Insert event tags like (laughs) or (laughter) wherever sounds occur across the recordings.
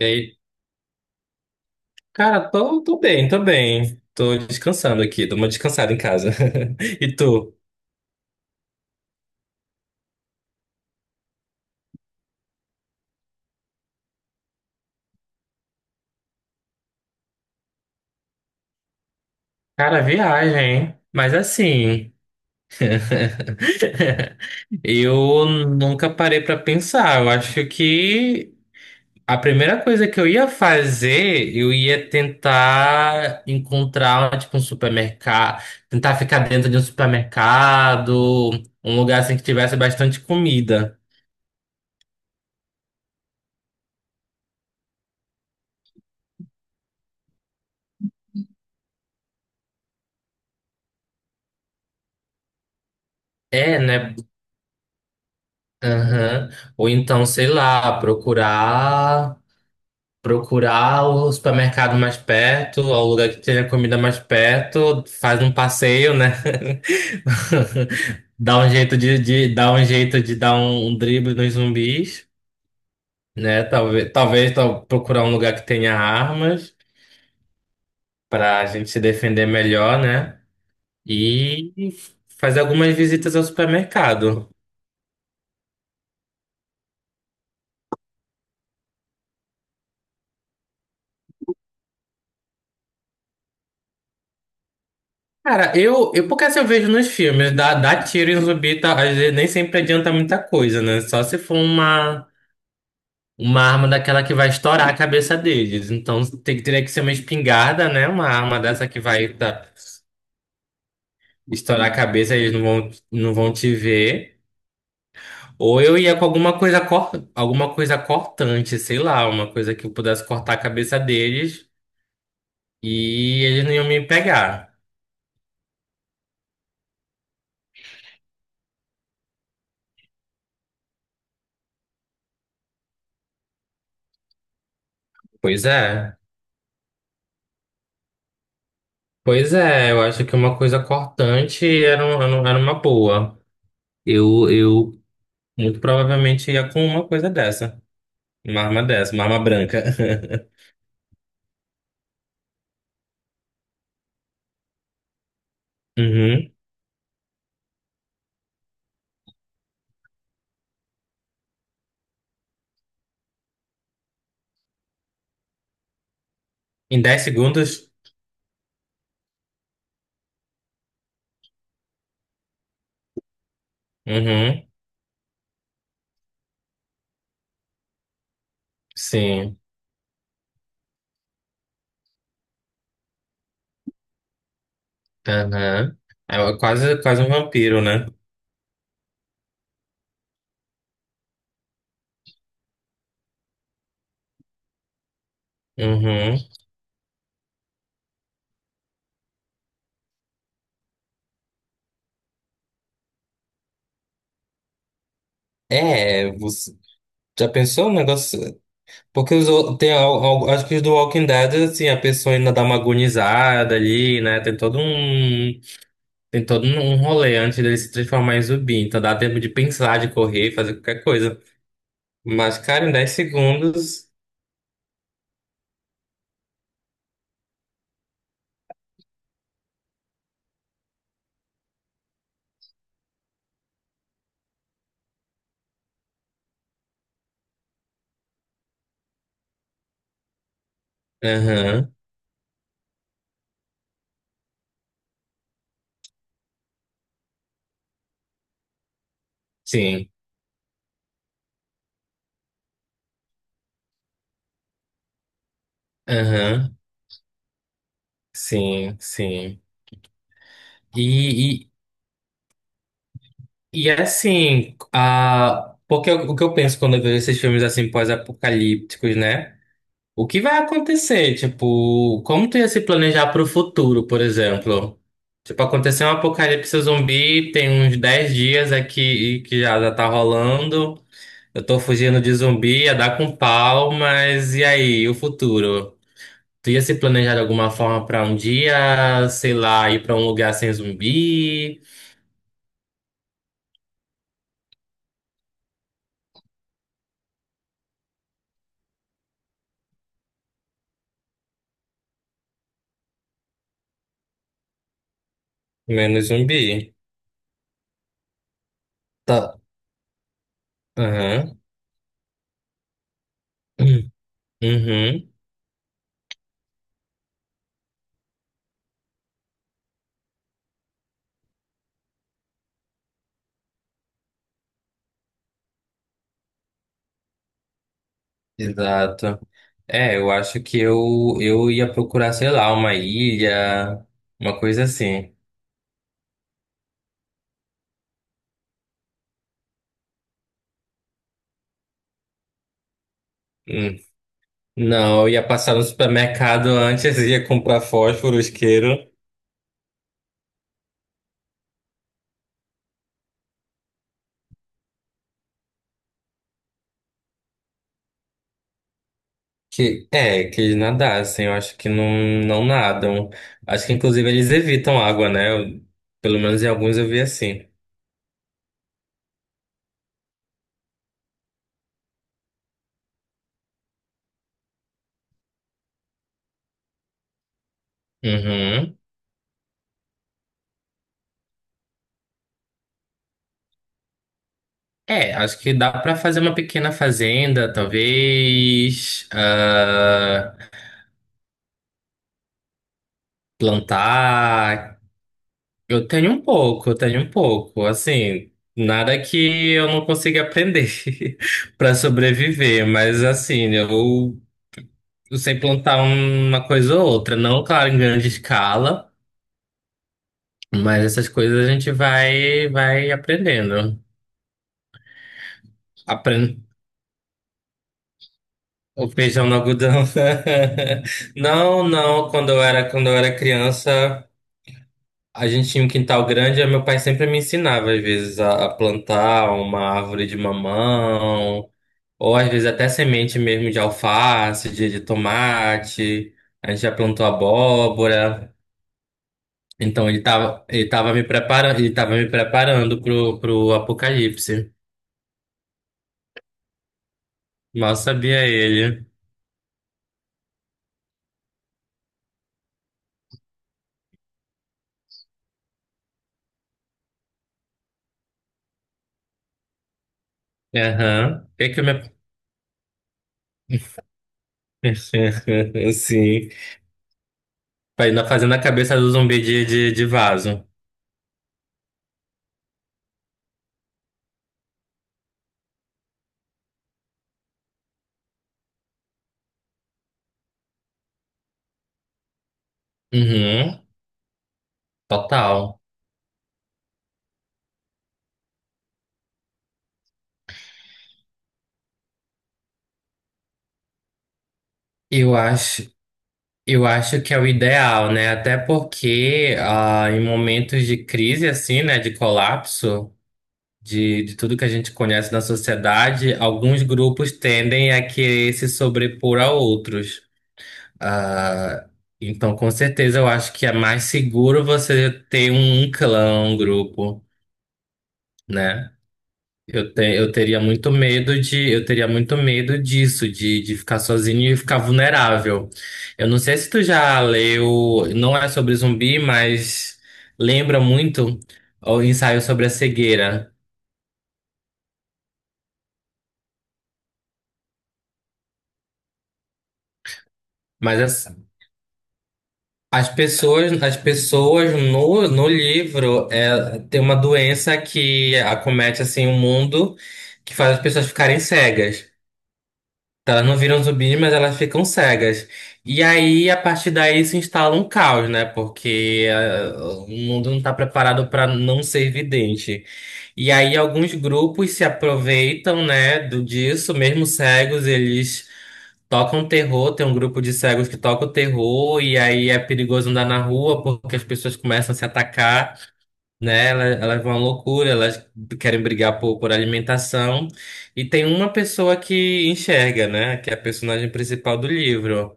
E aí, cara, tô bem, tô bem. Tô descansando aqui, dou uma descansada em casa. (laughs) E tu? Cara, viagem, hein? Mas assim, eu nunca parei pra pensar. Eu acho que a primeira coisa que eu ia fazer, eu ia tentar encontrar, tipo, um supermercado, tentar ficar dentro de um supermercado, um lugar assim que tivesse bastante comida. É, né? Aham. Ou então, sei lá, procurar. Procurar o supermercado mais perto, ou o lugar que tenha comida mais perto, faz um passeio, né? (laughs) Dá um jeito de dar um jeito de dar um drible nos zumbis, né? Talvez procurar um lugar que tenha armas para a gente se defender melhor, né? E fazer algumas visitas ao supermercado. Cara, eu porque assim eu vejo nos filmes, dar dá dá tiro em zumbi, tá, às vezes nem sempre adianta muita coisa, né? Só se for uma arma daquela que vai estourar a cabeça deles. Então teria que ser uma espingarda, né? Uma arma dessa que vai tá, estourar a cabeça, eles não vão te ver. Ou eu ia com alguma coisa cortante, sei lá, uma coisa que eu pudesse cortar a cabeça deles e eles não iam me pegar. Pois é. Pois é, eu acho que uma coisa cortante era uma boa. Eu muito provavelmente ia com uma coisa dessa. Uma arma dessa, uma arma branca. (laughs) Uhum. Em 10 segundos? Uhum. Sim. Aham. É quase, quase um vampiro, né? Uhum. É, você já pensou no negócio? Porque os, ou- tem, al- al- acho que os do Walking Dead, assim, a pessoa ainda dá uma agonizada ali, né? Tem todo um rolê antes dele se transformar em zumbi. Então dá tempo de pensar, de correr, fazer qualquer coisa. Mas, cara, em 10 segundos. Aham. Sim. Aham. Sim, sim. E, E assim, porque o que eu penso quando eu vejo esses filmes assim pós-apocalípticos, né? O que vai acontecer? Tipo, como tu ia se planejar para o futuro, por exemplo? Tipo, aconteceu um apocalipse zumbi, tem uns 10 dias aqui que já tá rolando. Eu tô fugindo de zumbi, ia dar com pau, mas e aí, o futuro? Tu ia se planejar de alguma forma para um dia, sei lá, ir para um lugar sem zumbi, menos zumbi? Tá. Hum. Uhum, exato. É, eu acho que eu ia procurar, sei lá, uma ilha, uma coisa assim. Hum. Não, eu ia passar no supermercado (laughs) antes, ia comprar fósforo, isqueiro, que é, que eles nadassem, eu acho que não, não nadam. Acho que inclusive eles evitam água, né? Pelo menos em alguns eu vi assim. Uhum. É, acho que dá pra fazer uma pequena fazenda, talvez, plantar. Eu tenho um pouco, eu tenho um pouco. Assim, nada que eu não consiga aprender (laughs) para sobreviver, mas assim, eu sei plantar uma coisa ou outra, não, claro, em grande escala, mas essas coisas a gente vai aprendendo. Aprende o feijão no algodão. (laughs) Não, não, quando eu era criança, a gente tinha um quintal grande, e meu pai sempre me ensinava, às vezes, a plantar uma árvore de mamão. Ou às vezes até semente mesmo de alface, de tomate. A gente já plantou abóbora. Então ele tava me preparando pro apocalipse. Mal sabia ele. Aham. (laughs) Sim. Pra ir fazendo a cabeça do zumbi de vaso. Uhum. Total. Eu acho, eu acho que é o ideal, né? Até porque em momentos de crise assim, né, de colapso, de tudo que a gente conhece na sociedade, alguns grupos tendem a querer se sobrepor a outros. Ah, então, com certeza, eu acho que é mais seguro você ter um clã, um grupo, né? Eu teria muito medo disso, de ficar sozinho e ficar vulnerável. Eu não sei se tu já leu, não é sobre zumbi, mas lembra muito o ensaio sobre a cegueira. Mas é, as pessoas no livro tem uma doença que acomete assim o mundo que faz as pessoas ficarem cegas. Então, elas não viram zumbis, mas elas ficam cegas. E aí, a partir daí, se instala um caos, né? Porque o mundo não está preparado para não ser vidente. E aí, alguns grupos se aproveitam, né, disso, mesmo cegos, eles tocam terror. Tem um grupo de cegos que toca o terror, e aí é perigoso andar na rua porque as pessoas começam a se atacar, né? Elas vão à loucura, elas querem brigar por alimentação. E tem uma pessoa que enxerga, né? Que é a personagem principal do livro.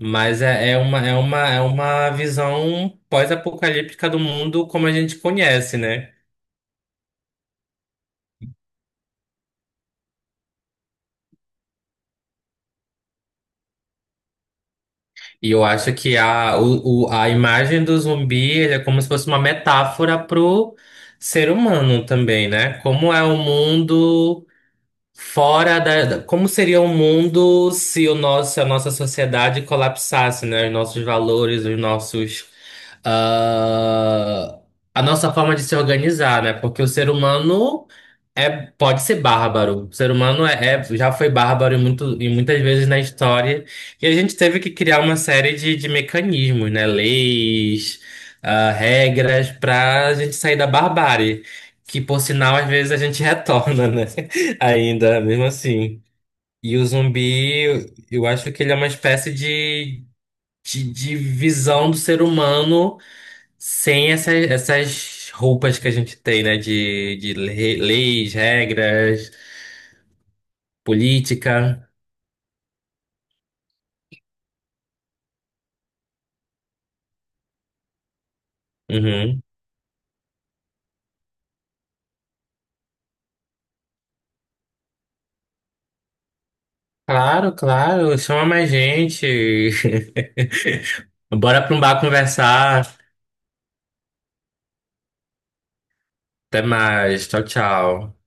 Mas é uma visão pós-apocalíptica do mundo como a gente conhece, né? E eu acho que a imagem do zumbi ele é como se fosse uma metáfora pro ser humano também, né? Como é o mundo. Como seria o mundo se se a nossa sociedade colapsasse, né? Os nossos valores, ah, a nossa forma de se organizar, né? Porque o ser humano é, pode ser bárbaro. O ser humano já foi bárbaro e muitas vezes na história. E a gente teve que criar uma série de mecanismos, né? Leis, regras para a gente sair da barbárie, que por sinal às vezes a gente (laughs) retorna, né? Ainda, mesmo assim. E o zumbi, eu acho que ele é uma espécie de visão do ser humano sem essas roupas que a gente tem, né? De leis, regras, política. Uhum. Claro, claro. Chama mais gente. (laughs) Bora pra um bar conversar. Até mais. Tchau, tchau.